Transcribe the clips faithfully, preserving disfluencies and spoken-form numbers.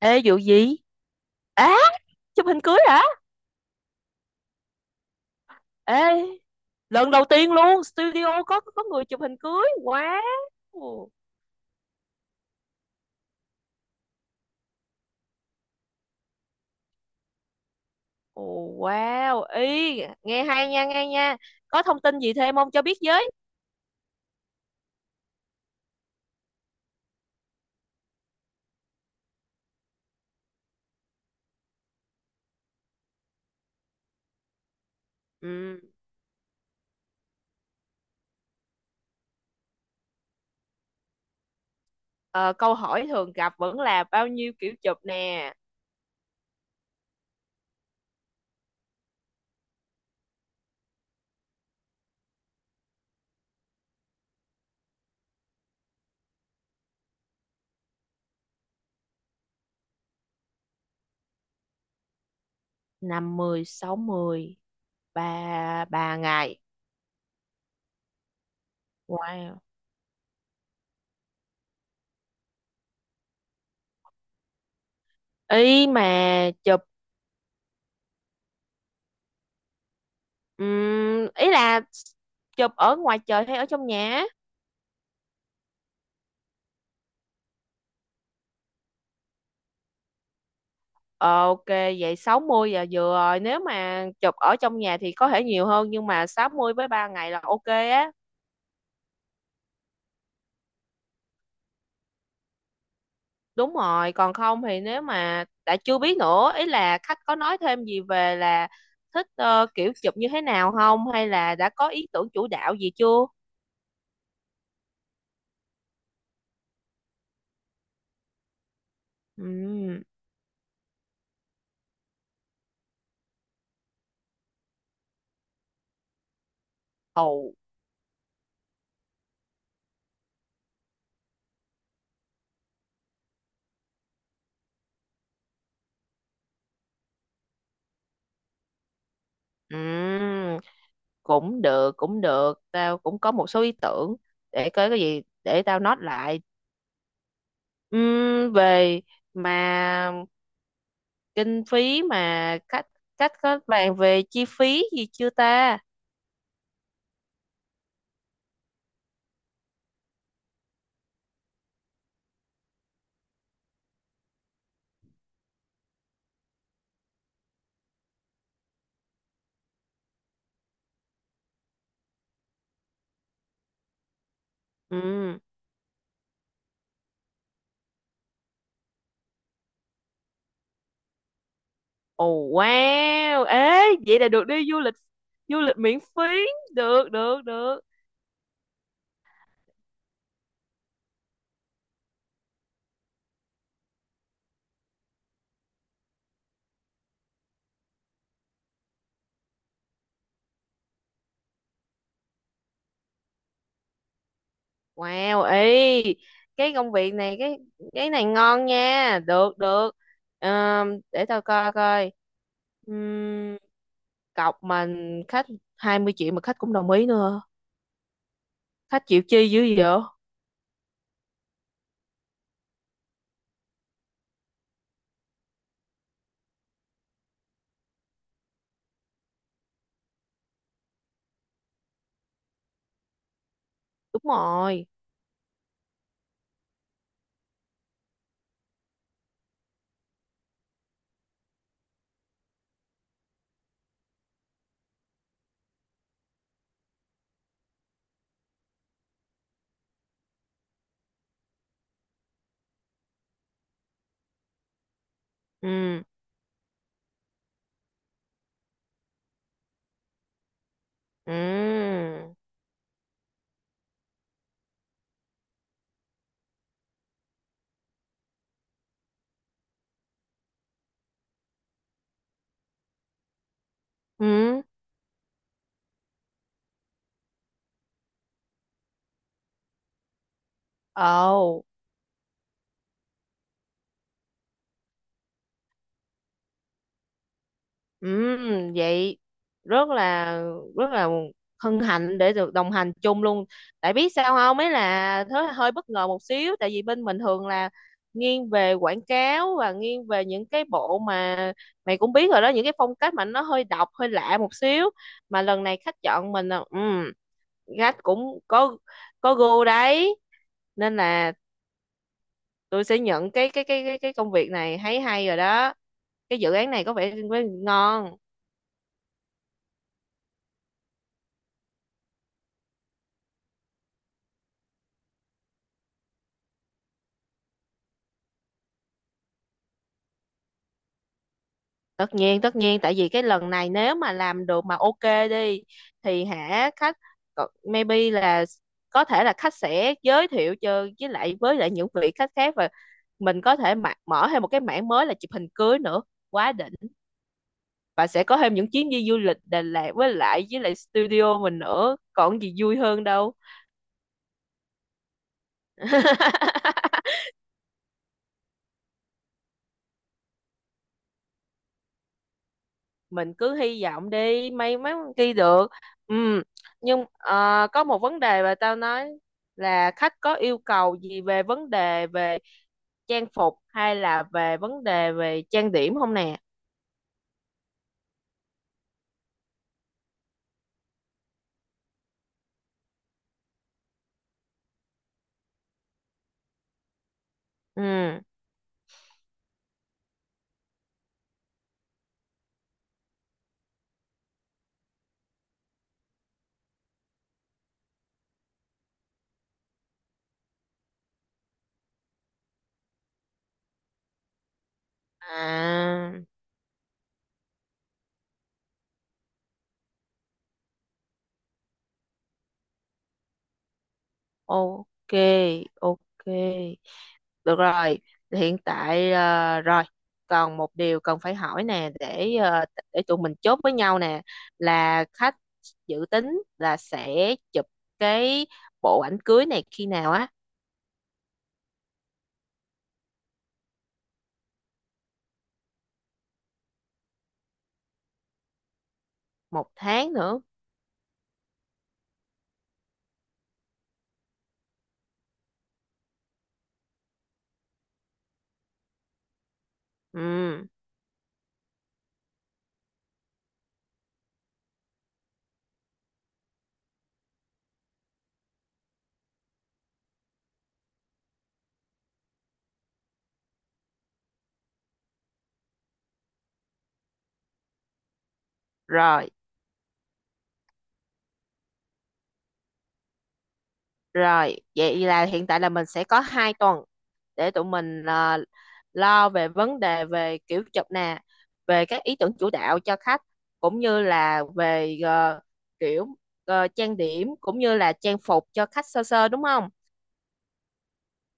Ê vụ gì? Á, chụp hình cưới hả? Ê, lần đầu tiên luôn studio có có người chụp hình cưới. Wow. Ồ, wow. Ý, nghe hay nha, nghe nha. Có thông tin gì thêm không cho biết với? Ừ. Ờ, Câu hỏi thường gặp vẫn là bao nhiêu kiểu chụp nè? Năm mươi, sáu 60, ba ba ngày. Wow. Ý mà chụp ừm, ý là chụp ở ngoài trời hay ở trong nhà? Ờ, ok, vậy sáu mươi giờ vừa rồi nếu mà chụp ở trong nhà thì có thể nhiều hơn nhưng mà sáu mươi với ba ngày là ok á. Đúng rồi, còn không thì nếu mà đã chưa biết, nữa ý là khách có nói thêm gì về là thích ờ, kiểu chụp như thế nào không, hay là đã có ý tưởng chủ đạo gì chưa? Ừm, ồ. Ừm, cũng được cũng được, tao cũng có một số ý tưởng, để coi cái gì để tao note lại. Ừm, về mà kinh phí, mà cách cách có bàn về chi phí gì chưa ta? Ừ. Ồ, wow, ê, vậy là được đi du lịch, du lịch miễn phí. Được được được. Wow, ê, cái công việc này, cái cái này ngon nha. Được được. Ờm, để tao coi coi. Ừm, cọc mình khách hai mươi triệu mà khách cũng đồng ý nữa, khách chịu chi dữ vậy. Đúng rồi. Ừ, ừ, ừ, ồ. Ừm, vậy rất là rất là hân hạnh để được đồng hành chung luôn. Tại biết sao không? Ấy là thế hơi bất ngờ một xíu tại vì bên mình thường là nghiêng về quảng cáo và nghiêng về những cái bộ mà mày cũng biết rồi đó, những cái phong cách mà nó hơi độc, hơi lạ một xíu. Mà lần này khách chọn mình là ừm, khách cũng có có gu đấy. Nên là tôi sẽ nhận cái cái cái cái cái công việc này, thấy hay rồi đó. Cái dự án này có vẻ ngon. Tất nhiên, tất nhiên, tại vì cái lần này nếu mà làm được mà ok đi thì hả, khách có- maybe là có thể là khách sẽ giới thiệu cho với lại với lại những vị khách khác, và mình có thể mạ- mở thêm một cái mảng mới là chụp hình cưới nữa, quá đỉnh. Và sẽ có thêm những chuyến đi du lịch Đà Lạt với lại với lại studio mình nữa, còn gì vui hơn đâu. Mình cứ hy vọng đi, may mắn ghi được. Ừ. Nhưng ờ, có một vấn đề mà tao nói, là khách có yêu cầu gì về vấn đề về trang phục hay là về vấn đề về trang điểm không nè? Ừ, à, ok, ok. Được rồi, hiện tại ờ, rồi, còn một điều cần phải hỏi nè để ờ, để tụi mình chốt với nhau nè, là khách dự tính là sẽ chụp cái bộ ảnh cưới này khi nào á? Một tháng nữa. Ừ, rồi. Rồi, vậy là hiện tại là mình sẽ có hai tuần để tụi mình à, lo về vấn đề về kiểu chụp nè, về các ý tưởng chủ đạo cho khách, cũng như là về ờ, kiểu ờ, trang điểm cũng như là trang phục cho khách sơ sơ, đúng không?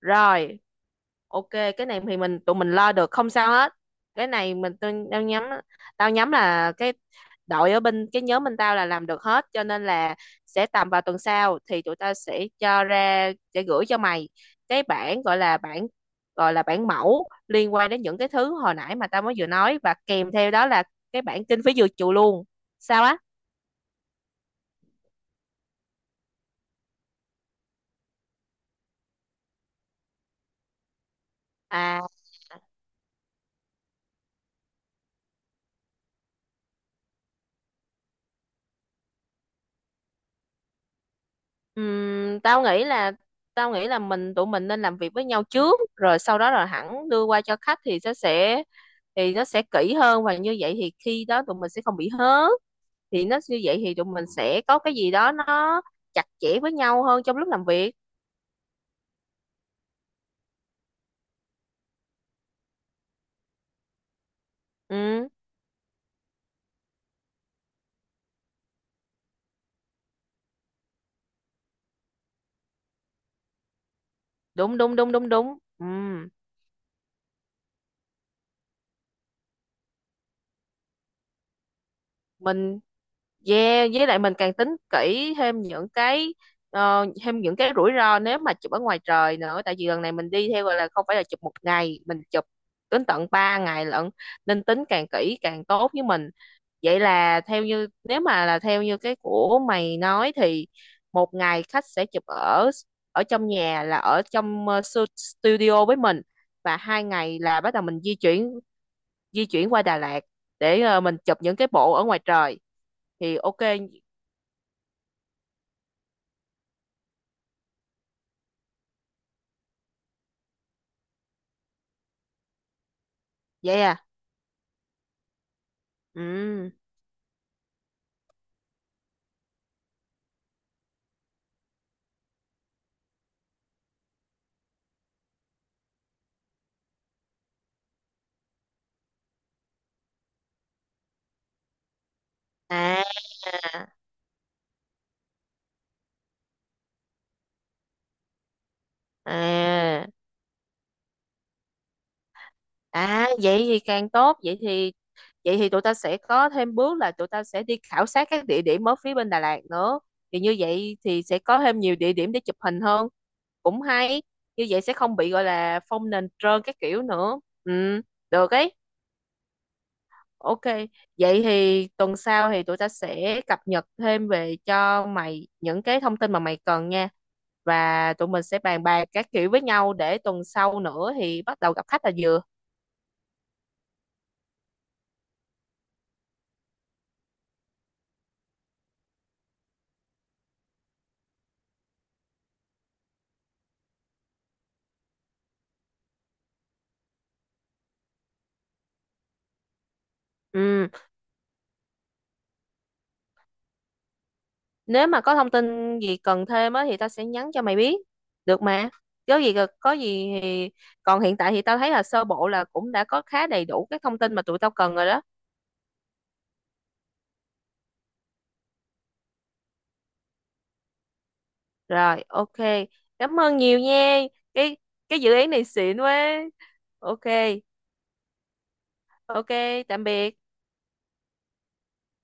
Rồi, ok, cái này thì mình tụi mình lo được, không sao hết. Cái này mình tôi tao nhắm, tao nhắm là cái đội ở bên cái nhóm bên tao là làm được hết, cho nên là sẽ tầm vào tuần sau thì tụi tao sẽ cho ra sẽ gửi cho mày cái bản gọi là bản, gọi là bản mẫu liên quan đến những cái thứ hồi nãy mà tao mới vừa nói, và kèm theo đó là cái bản kinh phí dự trù luôn. Sao á? À, ừm, tao nghĩ là tao nghĩ là mình tụi mình nên làm việc với nhau trước rồi sau đó là hẳn đưa qua cho khách thì nó sẽ, thì nó sẽ kỹ hơn và như vậy thì khi đó tụi mình sẽ không bị hớ, thì nó như vậy thì tụi mình sẽ có cái gì đó nó chặt chẽ với nhau hơn trong lúc làm việc. Ừ, đúng đúng đúng đúng đúng ừ. Mình, yeah, với lại mình càng tính kỹ thêm những cái ờ, thêm những cái rủi ro nếu mà chụp ở ngoài trời nữa, tại vì lần này mình đi theo gọi là không phải là chụp một ngày, mình chụp đến tận ba ngày lận, nên tính càng kỹ càng tốt với mình. Vậy là theo như, nếu mà là theo như cái của mày nói thì một ngày khách sẽ chụp ở, ở trong nhà là ở trong ờ, su- studio với mình, và hai ngày là bắt đầu mình di chuyển, di chuyển qua Đà Lạt để ờ, mình chụp những cái bộ ở ngoài trời, thì ok. Vậy à? Ừ, à, à, à, vậy thì càng tốt, vậy thì, vậy thì tụi ta sẽ có thêm bước là tụi ta sẽ đi khảo sát các địa điểm ở phía bên Đà Lạt nữa, thì như vậy thì sẽ có thêm nhiều địa điểm để chụp hình hơn, cũng hay, như vậy sẽ không bị gọi là phong nền trơn các kiểu nữa. Ừ, được ấy. Ok, vậy thì tuần sau thì tụi ta sẽ cập nhật thêm về cho mày những cái thông tin mà mày cần nha. Và tụi mình sẽ bàn bạc các kiểu với nhau để tuần sau nữa thì bắt đầu gặp khách là vừa. Ừ, nếu mà có thông tin gì cần thêm á thì tao sẽ nhắn cho mày biết. Được mà. Có gì có gì thì, còn hiện tại thì tao thấy là sơ bộ là cũng đã có khá đầy đủ các thông tin mà tụi tao cần rồi đó. Rồi, ok. Cảm ơn nhiều nha. Cái cái dự án này xịn quá. Ok. Ok, tạm biệt.